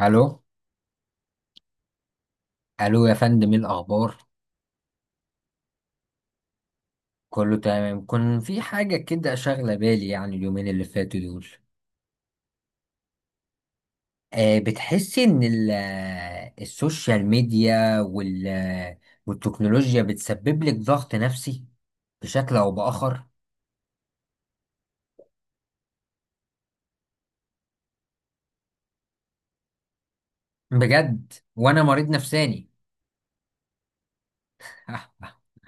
الو، الو يا فندم، ايه الاخبار؟ كله تمام. كان في حاجه كده شاغله بالي، يعني اليومين اللي فاتوا دول. بتحسي ان السوشيال ميديا وال آه، والتكنولوجيا بتسبب لك ضغط نفسي بشكل او باخر؟ بجد، وانا مريض نفساني.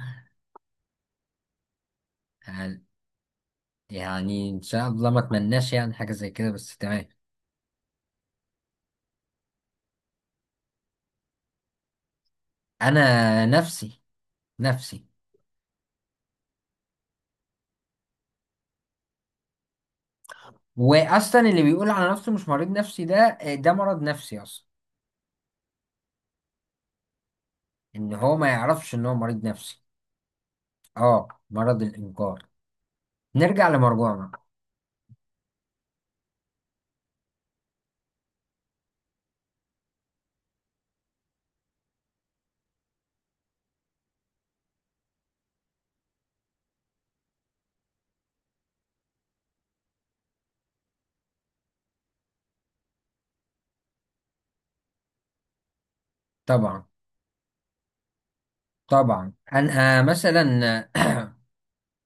يعني ان شاء الله ما اتمناش يعني حاجه زي كده، بس تمام. انا نفسي، نفسي. واصلا اللي بيقول على نفسه مش مريض نفسي ده، ده مرض نفسي اصلا. ان هو ما يعرفش ان هو مريض نفسي. اه، مرض الانكار. نرجع لمرجوعنا. طبعا طبعا. انا مثلا.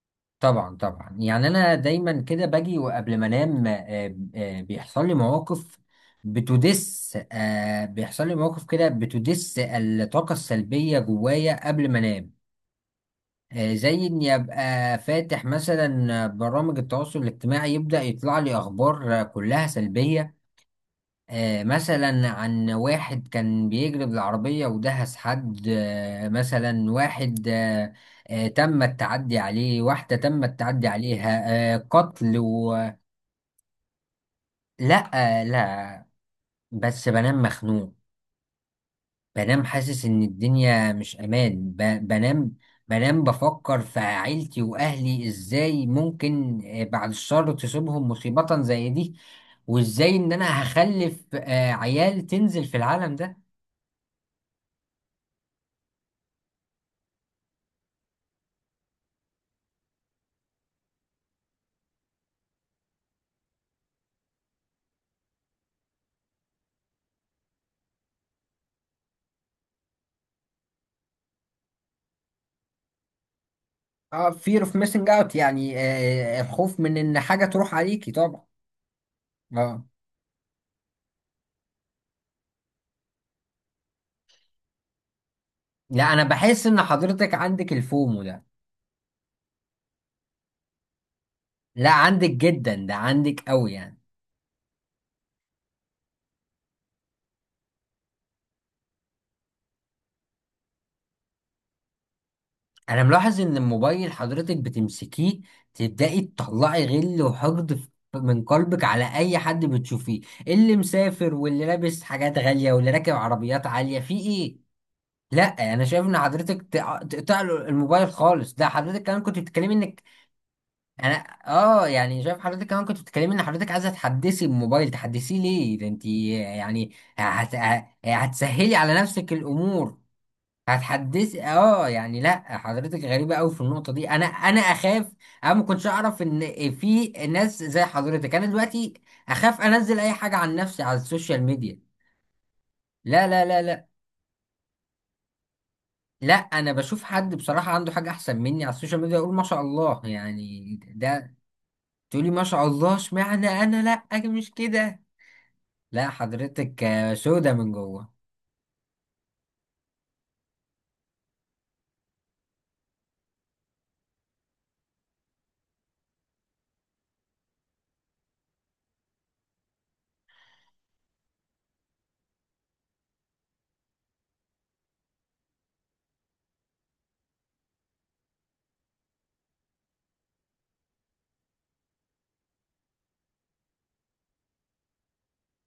طبعا طبعا، يعني انا دايما كده باجي وقبل ما انام بيحصل لي مواقف. بتدس آه، بيحصل لي مواقف كده، بتدس الطاقة السلبية جوايا قبل ما انام. زي اني ابقى فاتح مثلا برامج التواصل الاجتماعي، يبدأ يطلع لي اخبار كلها سلبية. مثلا عن واحد كان بيجري بالعربية ودهس حد، مثلا واحد تم التعدي عليه، واحدة تم التعدي عليها، قتل و... لا. لا، بس بنام مخنوق. بنام حاسس ان الدنيا مش امان. بنام بنام بفكر في عيلتي واهلي، ازاي ممكن بعد الشر تصيبهم مصيبة زي دي، وازاي ان انا هخلف عيال تنزل في العالم ده. اه، fear of missing out، يعني الخوف من ان حاجة تروح عليكي، طبعا. اه. لا، انا بحس ان حضرتك عندك الفومو ده. لا عندك جدا، ده عندك قوي يعني. انا ملاحظ ان الموبايل حضرتك بتمسكيه تبدأي تطلعي غل وحقد من قلبك على اي حد بتشوفيه، اللي مسافر واللي لابس حاجات غالية واللي راكب عربيات عالية، في ايه؟ لا، انا شايف ان حضرتك تقطع له الموبايل خالص. ده حضرتك كمان كنت بتتكلمي انك، انا، اه يعني، شايف حضرتك كمان كنت بتتكلمي ان حضرتك عايزه تحدثي الموبايل. تحدثيه ليه ده؟ انت يعني هت... ه- هتسهلي على نفسك الامور؟ هتحدثي؟ اه يعني، لا، حضرتك غريبه قوي في النقطه دي. انا اخاف. انا ما كنتش اعرف ان في ناس زي حضرتك. انا دلوقتي اخاف انزل اي حاجه عن نفسي على السوشيال ميديا. لا لا لا لا. لا، انا بشوف حد بصراحه عنده حاجه احسن مني على السوشيال ميديا اقول ما شاء الله يعني. ده تقولي ما شاء الله؟ اشمعنى انا؟ لا، أنا مش كده. لا، حضرتك سودة من جوه.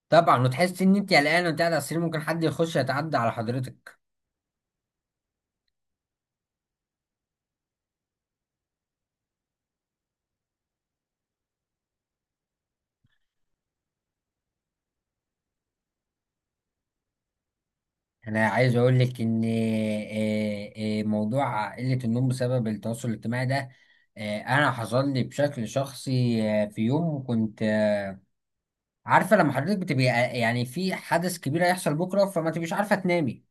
طبعا. وتحس ان انت قلقان وانت قاعد على السرير، ممكن حد يخش يتعدى على حضرتك. انا عايز اقول لك ان موضوع قلة النوم بسبب التواصل الاجتماعي ده، انا حصل لي بشكل شخصي. في يوم كنت عارفة لما حضرتك بتبقى يعني في حدث كبير هيحصل بكرة فما تبقيش عارفة تنامي،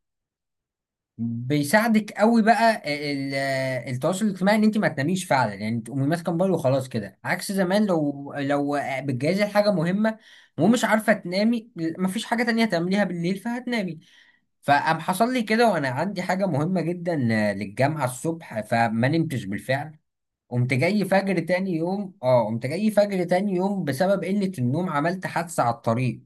بيساعدك قوي بقى ال- التواصل الاجتماعي ان انت ما تناميش فعلا. يعني تقومي ماسكه موبايل وخلاص كده عكس زمان، لو بتجهزي حاجه مهمه ومش عارفه تنامي، مفيش حاجه تانية تعمليها بالليل، فهتنامي. فقام حصل لي كده وانا عندي حاجه مهمه جدا للجامعه الصبح، فما نمتش بالفعل. قمت جاي فجر تاني يوم، بسبب قله النوم عملت حادثه على الطريق.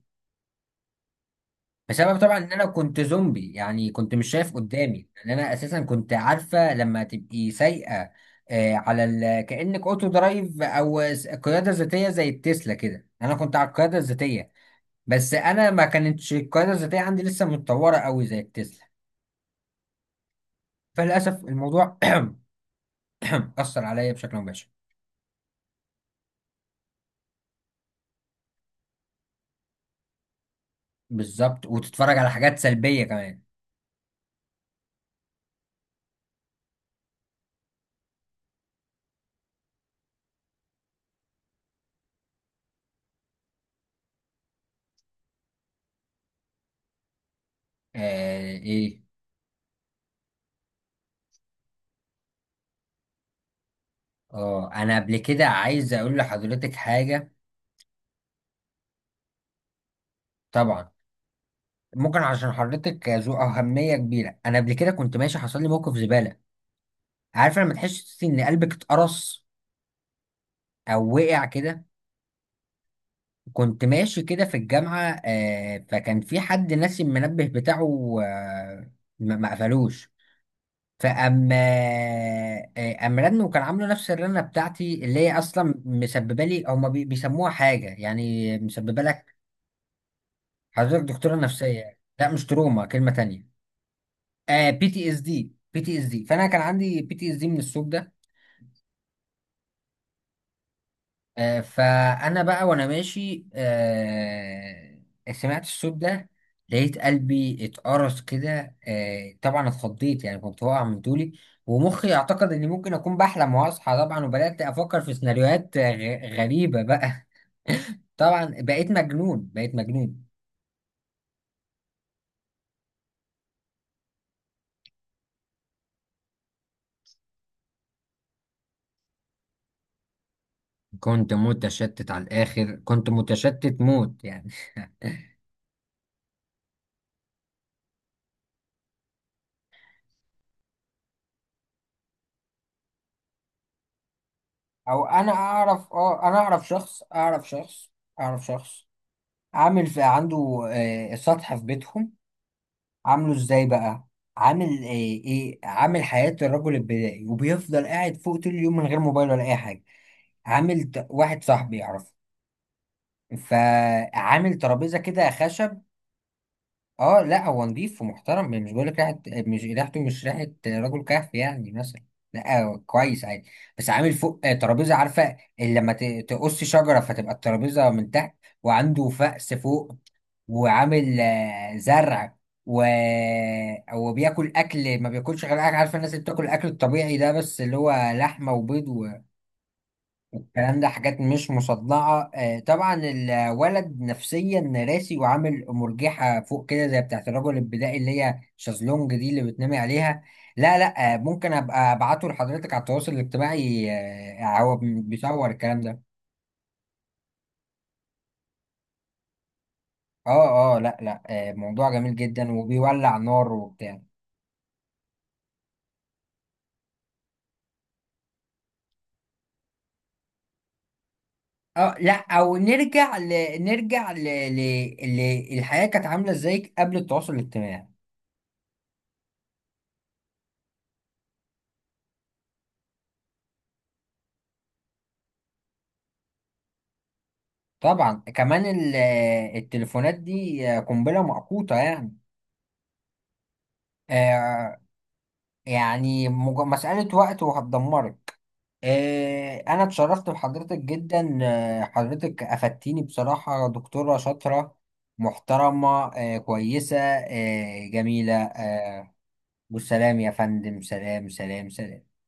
بسبب طبعا ان انا كنت زومبي، يعني كنت مش شايف قدامي، ان انا اساسا كنت عارفه لما تبقي سايقه، كانك اوتو درايف او قياده ذاتيه زي التسلا كده. انا كنت على القياده الذاتيه، بس انا ما كانتش القياده الذاتيه عندي لسه متطوره قوي زي التسلا. فللاسف الموضوع اثر عليا بشكل مباشر. بالظبط، وتتفرج على حاجات سلبيه كمان. ايه؟ اه، انا قبل كده عايز اقول لحضرتك حاجه. طبعا. ممكن عشان حضرتك ذو أهمية كبيرة. أنا قبل كده كنت ماشي، حصل لي موقف زبالة. عارف لما تحس إن قلبك اتقرص أو وقع كده؟ كنت ماشي كده في الجامعة، فكان في حد ناسي المنبه بتاعه، ما قفلوش. فأما آه أم رن، وكان عامله نفس الرنة بتاعتي اللي هي أصلا مسببة لي، هما بيسموها حاجة، يعني مسببة لك. حضرتك دكتورة نفسية، لا مش تروما، كلمة تانية. آه، بي تي اس دي، بي تي اس دي. فانا كان عندي بي تي اس دي من الصوت ده. فانا بقى وانا ماشي سمعت الصوت ده، لقيت قلبي اتقرص كده. طبعا اتخضيت، يعني كنت واقع من طولي، ومخي اعتقد اني ممكن اكون بحلم واصحى، طبعا. وبدات افكر في سيناريوهات غريبه بقى. طبعا بقيت مجنون، بقيت مجنون. كنت متشتت على الاخر، كنت متشتت موت يعني. او انا اعرف اه انا اعرف شخص، اعرف شخص عامل في عنده سطح في بيتهم. عامله ازاي بقى؟ عامل آه ايه عامل حياة الرجل البدائي، وبيفضل قاعد فوق طول اليوم من غير موبايل ولا اي حاجة. واحد صاحبي يعرفه، فعامل ترابيزة كده خشب. اه لا، هو نضيف ومحترم، يعني مش بقول لك ريحه. مش ريحه رجل كهف يعني، مثلا. لا هو كويس عادي. بس عامل فوق ترابيزه، عارفه اللي لما تقص شجره فتبقى الترابيزه من تحت، وعنده فأس فوق، وعامل زرع و... وبياكل اكل. ما بياكلش غير اكل، عارفه الناس اللي بتاكل الاكل الطبيعي ده، بس اللي هو لحمه وبيض الكلام ده، حاجات مش مصدعة. طبعا الولد نفسيا راسي، وعامل مرجحة فوق كده زي بتاعت الرجل البدائي اللي هي شازلونج دي اللي بتنامي عليها. لا لا، ممكن ابقى ابعته لحضرتك على التواصل الاجتماعي. هو بيصور الكلام ده. اه اه لا لا، موضوع جميل جدا، وبيولع نار وبتاع. اه لا، او نرجع ل... نرجع ل... ل... ل... الحياة كانت عاملة ازاي قبل التواصل الاجتماعي. طبعا كمان التليفونات دي قنبلة موقوتة يعني. آه، يعني مسألة وقت وهتدمرك. أنا اتشرفت بحضرتك جدا، حضرتك أفدتيني بصراحة، دكتورة شاطرة، محترمة، كويسة، آه، جميلة. والسلام يا فندم، سلام، سلام، سلام.